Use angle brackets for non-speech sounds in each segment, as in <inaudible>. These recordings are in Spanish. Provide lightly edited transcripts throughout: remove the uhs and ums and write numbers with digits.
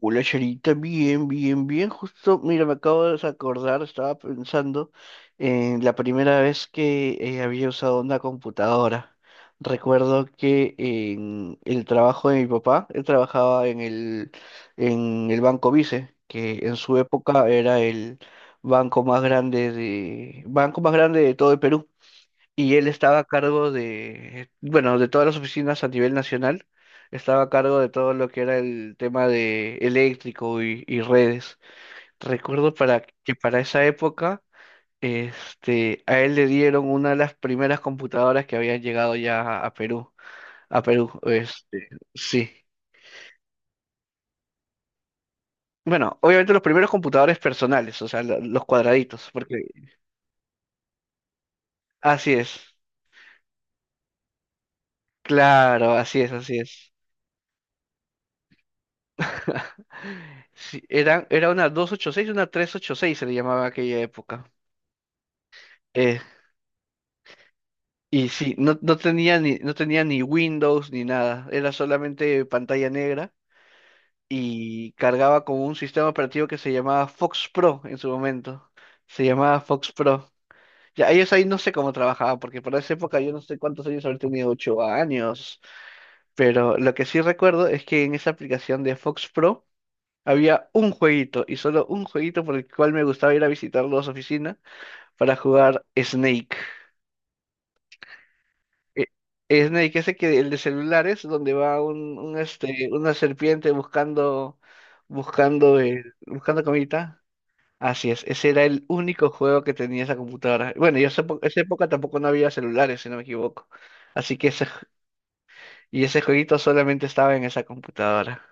Hola, Charita, bien, bien, bien. Justo, mira, me acabo de acordar, estaba pensando en la primera vez que había usado una computadora. Recuerdo que en el trabajo de mi papá, él trabajaba en el Banco Vice, que en su época era el banco más grande de todo el Perú y él estaba a cargo de, bueno, de todas las oficinas a nivel nacional, estaba a cargo de todo lo que era el tema de eléctrico y redes. Recuerdo para esa época, este, a él le dieron una de las primeras computadoras que habían llegado ya a Perú, este, sí. Bueno, obviamente los primeros computadores personales, o sea, los cuadraditos, porque así es, claro, así es, así es. <laughs> Sí, era una 286, una 386 se le llamaba aquella época. Eh, y sí, no, no tenía ni Windows ni nada, era solamente pantalla negra y cargaba con un sistema operativo que se llamaba Fox Pro en su momento. Se llamaba Fox Pro. Ya, ellos ahí no sé cómo trabajaban, porque para esa época yo no sé cuántos años habré tenido, 8 años. Pero lo que sí recuerdo es que en esa aplicación de Fox Pro había un jueguito y solo un jueguito por el cual me gustaba ir a visitarlo a su oficina para jugar Snake. Eh, Snake, ese que el de celulares, donde va una serpiente buscando, buscando comida. Así es, ese era el único juego que tenía esa computadora. Bueno, y esa época tampoco no había celulares, si no me equivoco. Así que ese jueguito solamente estaba en esa computadora.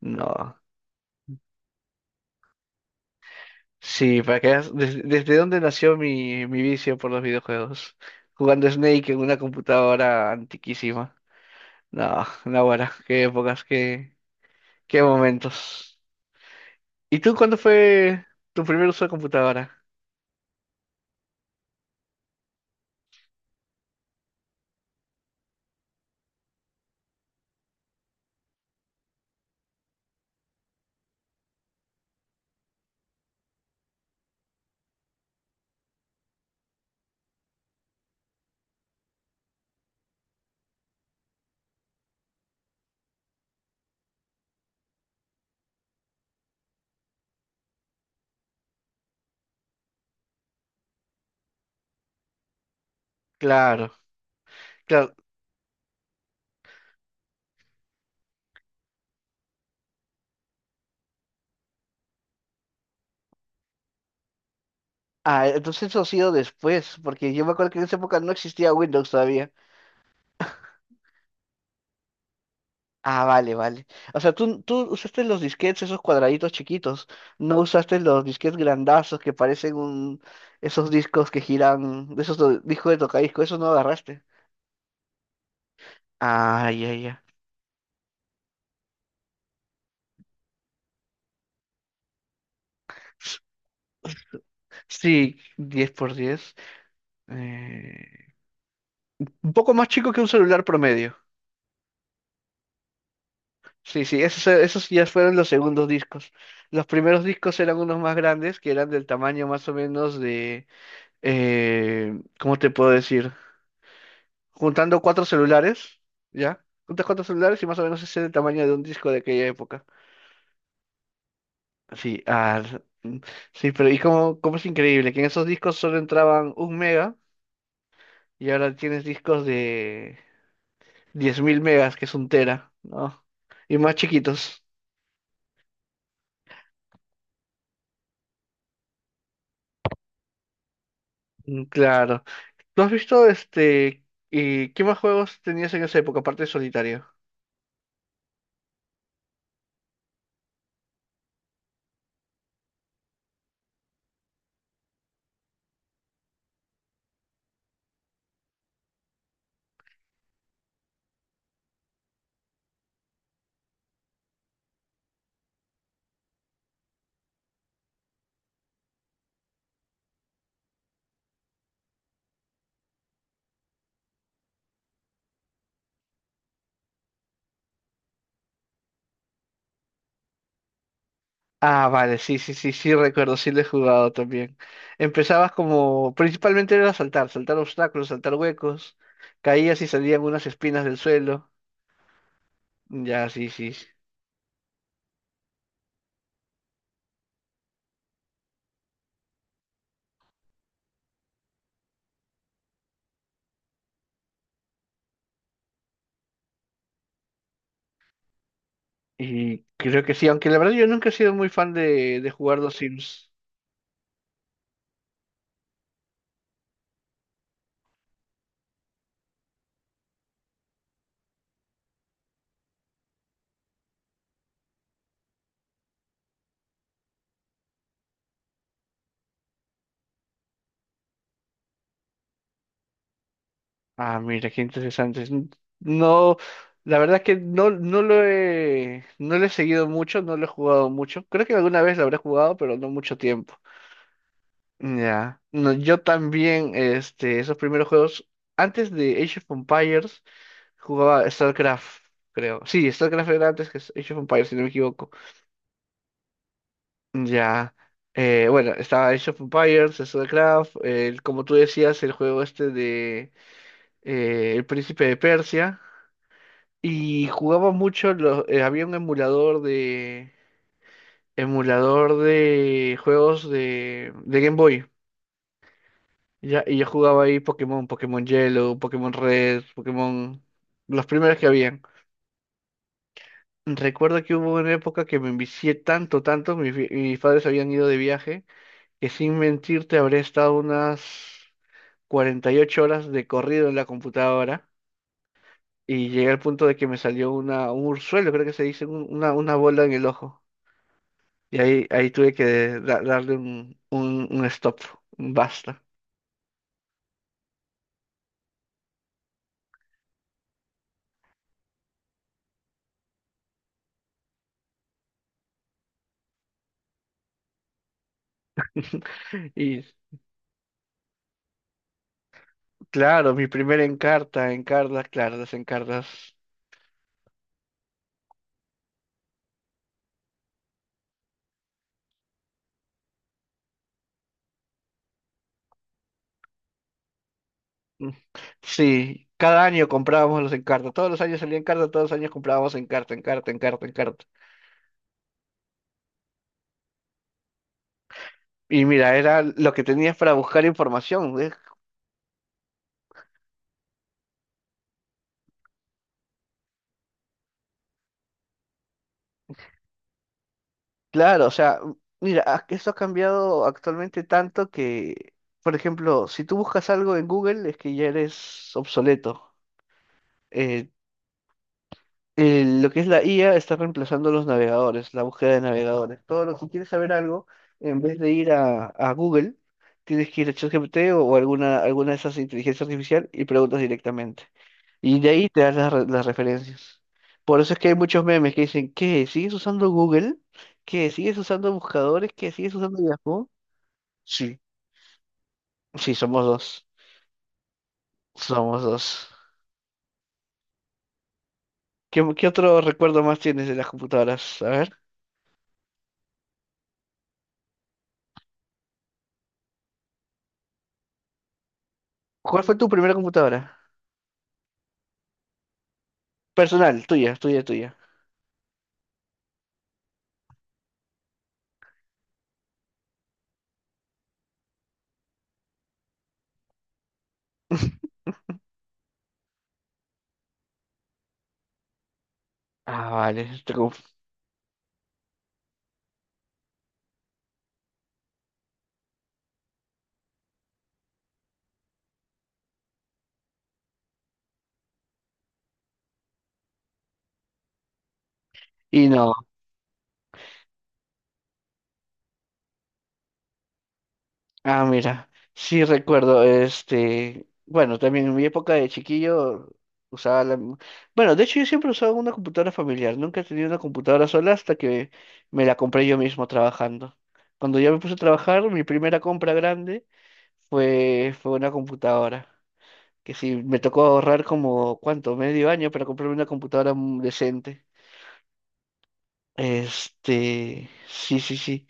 No. Sí, para que veas desde dónde nació mi vicio por los videojuegos. Jugando Snake en una computadora antiquísima. No, no, ahora, qué épocas, qué momentos. ¿Y tú cuándo fue tu primer uso de computadora? Claro, claro. Ah, entonces eso ha sido después, porque yo me acuerdo que en esa época no existía Windows todavía. Ah, vale, vale. O sea, tú usaste los disquetes, esos cuadraditos chiquitos. No usaste los disquetes grandazos que parecen un... esos discos que giran, de esos discos de tocadiscos, esos no agarraste. Ah, ya, ya. S- Sí, 10 por 10. Eh, un poco más chico que un celular promedio. Sí, sí, esos ya fueron los segundos discos. Los primeros discos eran unos más grandes, que eran del tamaño más o menos de... ¿cómo te puedo decir? Juntando cuatro celulares, ¿ya? Juntas 4 celulares y más o menos ese es el tamaño de un disco de aquella época. Sí, mm, sí, pero y como es increíble que en esos discos solo entraban un mega y ahora tienes discos de 10.000 megas, que es un tera, ¿no? Y más chiquitos. Mm, claro. ¿Tú has visto este? ¿Y qué más juegos tenías en esa época, aparte de solitario? Ah, vale, sí, sí, sí, sí, recuerdo, sí lo he jugado también. Empezabas como, principalmente era saltar, saltar obstáculos, saltar huecos, caías y salían unas espinas del suelo. Ya, sí, sí. Sí. Y creo que sí, aunque la verdad yo nunca he sido muy fan de jugar los Sims. Ah, mira, qué interesante. No, la verdad es que no, no lo he seguido mucho, no lo he jugado mucho. Creo que alguna vez lo habré jugado, pero no mucho tiempo. Ya, no, yo también, este, esos primeros juegos, antes de Age of Empires, jugaba StarCraft, creo. Sí, StarCraft era antes que Age of Empires, si no me equivoco. Ya, bueno, estaba Age of Empires, StarCraft, como tú decías, el juego este de El Príncipe de Persia, y jugaba mucho, había un emulador de juegos de Game Boy. Y yo jugaba ahí Pokémon, Pokémon Yellow, Pokémon Red, Pokémon... Los primeros que habían. Recuerdo que hubo una época que me envicié tanto, tanto, mis padres habían ido de viaje, que sin mentirte habré estado unas 48 horas de corrido en la computadora y llegué al punto de que me salió una, un urzuelo, creo que se dice, una bola en el ojo. Y ahí tuve que darle un stop, un basta. <laughs> Y Claro, mi primera encarta, encartas, claro, las encartas. Mm, sí, cada año comprábamos los encartas. Todos los años salía encarta, todos los años comprábamos encarta, encarta, encarta, encarta. Y mira, era lo que tenías para buscar información. ¿Ves? Claro, o sea, mira, que esto ha cambiado actualmente tanto que, por ejemplo, si tú buscas algo en Google es que ya eres obsoleto. Eh, lo que es la IA está reemplazando los navegadores, la búsqueda de navegadores. Todo lo que quieres saber algo, en vez de ir a Google, tienes que ir a ChatGPT o alguna de esas inteligencias artificial y preguntas directamente. Y de ahí te das las referencias. Por eso es que hay muchos memes que dicen, ¿qué? ¿Sigues usando Google? ¿Qué? ¿Sigues usando buscadores? ¿Qué? ¿Sigues usando Yahoo? Sí, sí, somos dos. Somos dos. ¿Qué otro recuerdo más tienes de las computadoras? A ver. ¿Cuál fue tu primera computadora? Personal, tuya, tuya, tuya. <laughs> Ah, vale. Tú. Y no. Ah, mira. Sí recuerdo, este. Bueno, también en mi época de chiquillo usaba la. Bueno, de hecho yo siempre usaba una computadora familiar. Nunca he tenido una computadora sola hasta que me la compré yo mismo trabajando. Cuando yo me puse a trabajar, mi primera compra grande fue una computadora. Que sí, me tocó ahorrar como, ¿cuánto? Medio año para comprarme una computadora decente. Este, sí, sí, sí.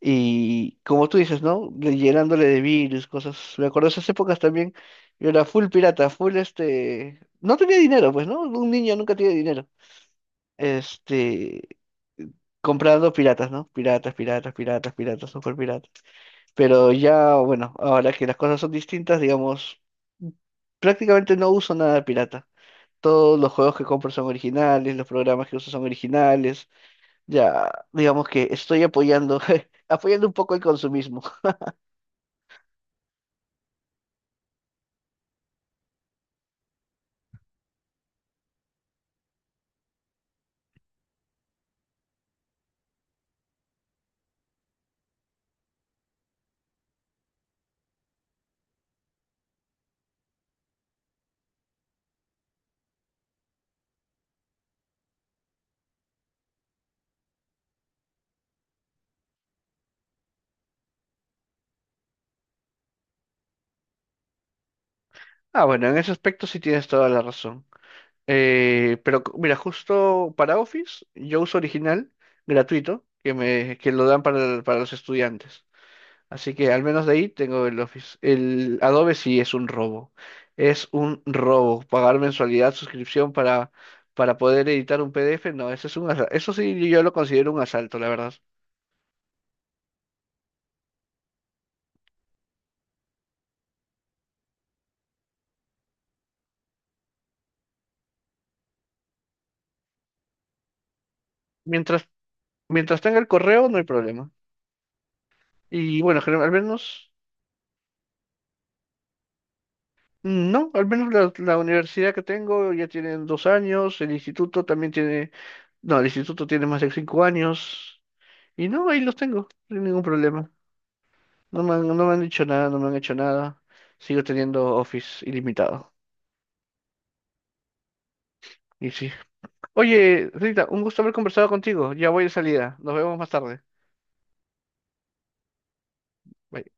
Y como tú dices, ¿no? Llenándole de virus, cosas. Me acuerdo de esas épocas también. Yo era full pirata, full este. No tenía dinero, pues, ¿no? Un niño nunca tiene dinero. Este. Comprando piratas, ¿no? Piratas, piratas, piratas, piratas, super piratas. Pero ya, bueno, ahora que las cosas son distintas, digamos, prácticamente no uso nada pirata. Todos los juegos que compro son originales, los programas que uso son originales. Ya, digamos que estoy apoyando, <laughs> apoyando un poco el consumismo. Ah, bueno, en ese aspecto sí tienes toda la razón. Pero mira, justo para Office, yo uso original, gratuito, que lo dan para los estudiantes. Así que al menos de ahí tengo el Office. El Adobe sí es un robo. Es un robo. Pagar mensualidad, suscripción para poder editar un PDF, no, eso sí yo lo considero un asalto, la verdad. Mientras, mientras tenga el correo, no hay problema. Y bueno, al menos. No, al menos la universidad que tengo ya tiene 2 años, el instituto también tiene, no, el instituto tiene más de 5 años, y no, ahí los tengo, sin ningún problema. No me han dicho nada, no me han hecho nada, sigo teniendo Office ilimitado, y sí. Oye, Rita, un gusto haber conversado contigo, ya voy de salida, nos vemos más tarde. Bye.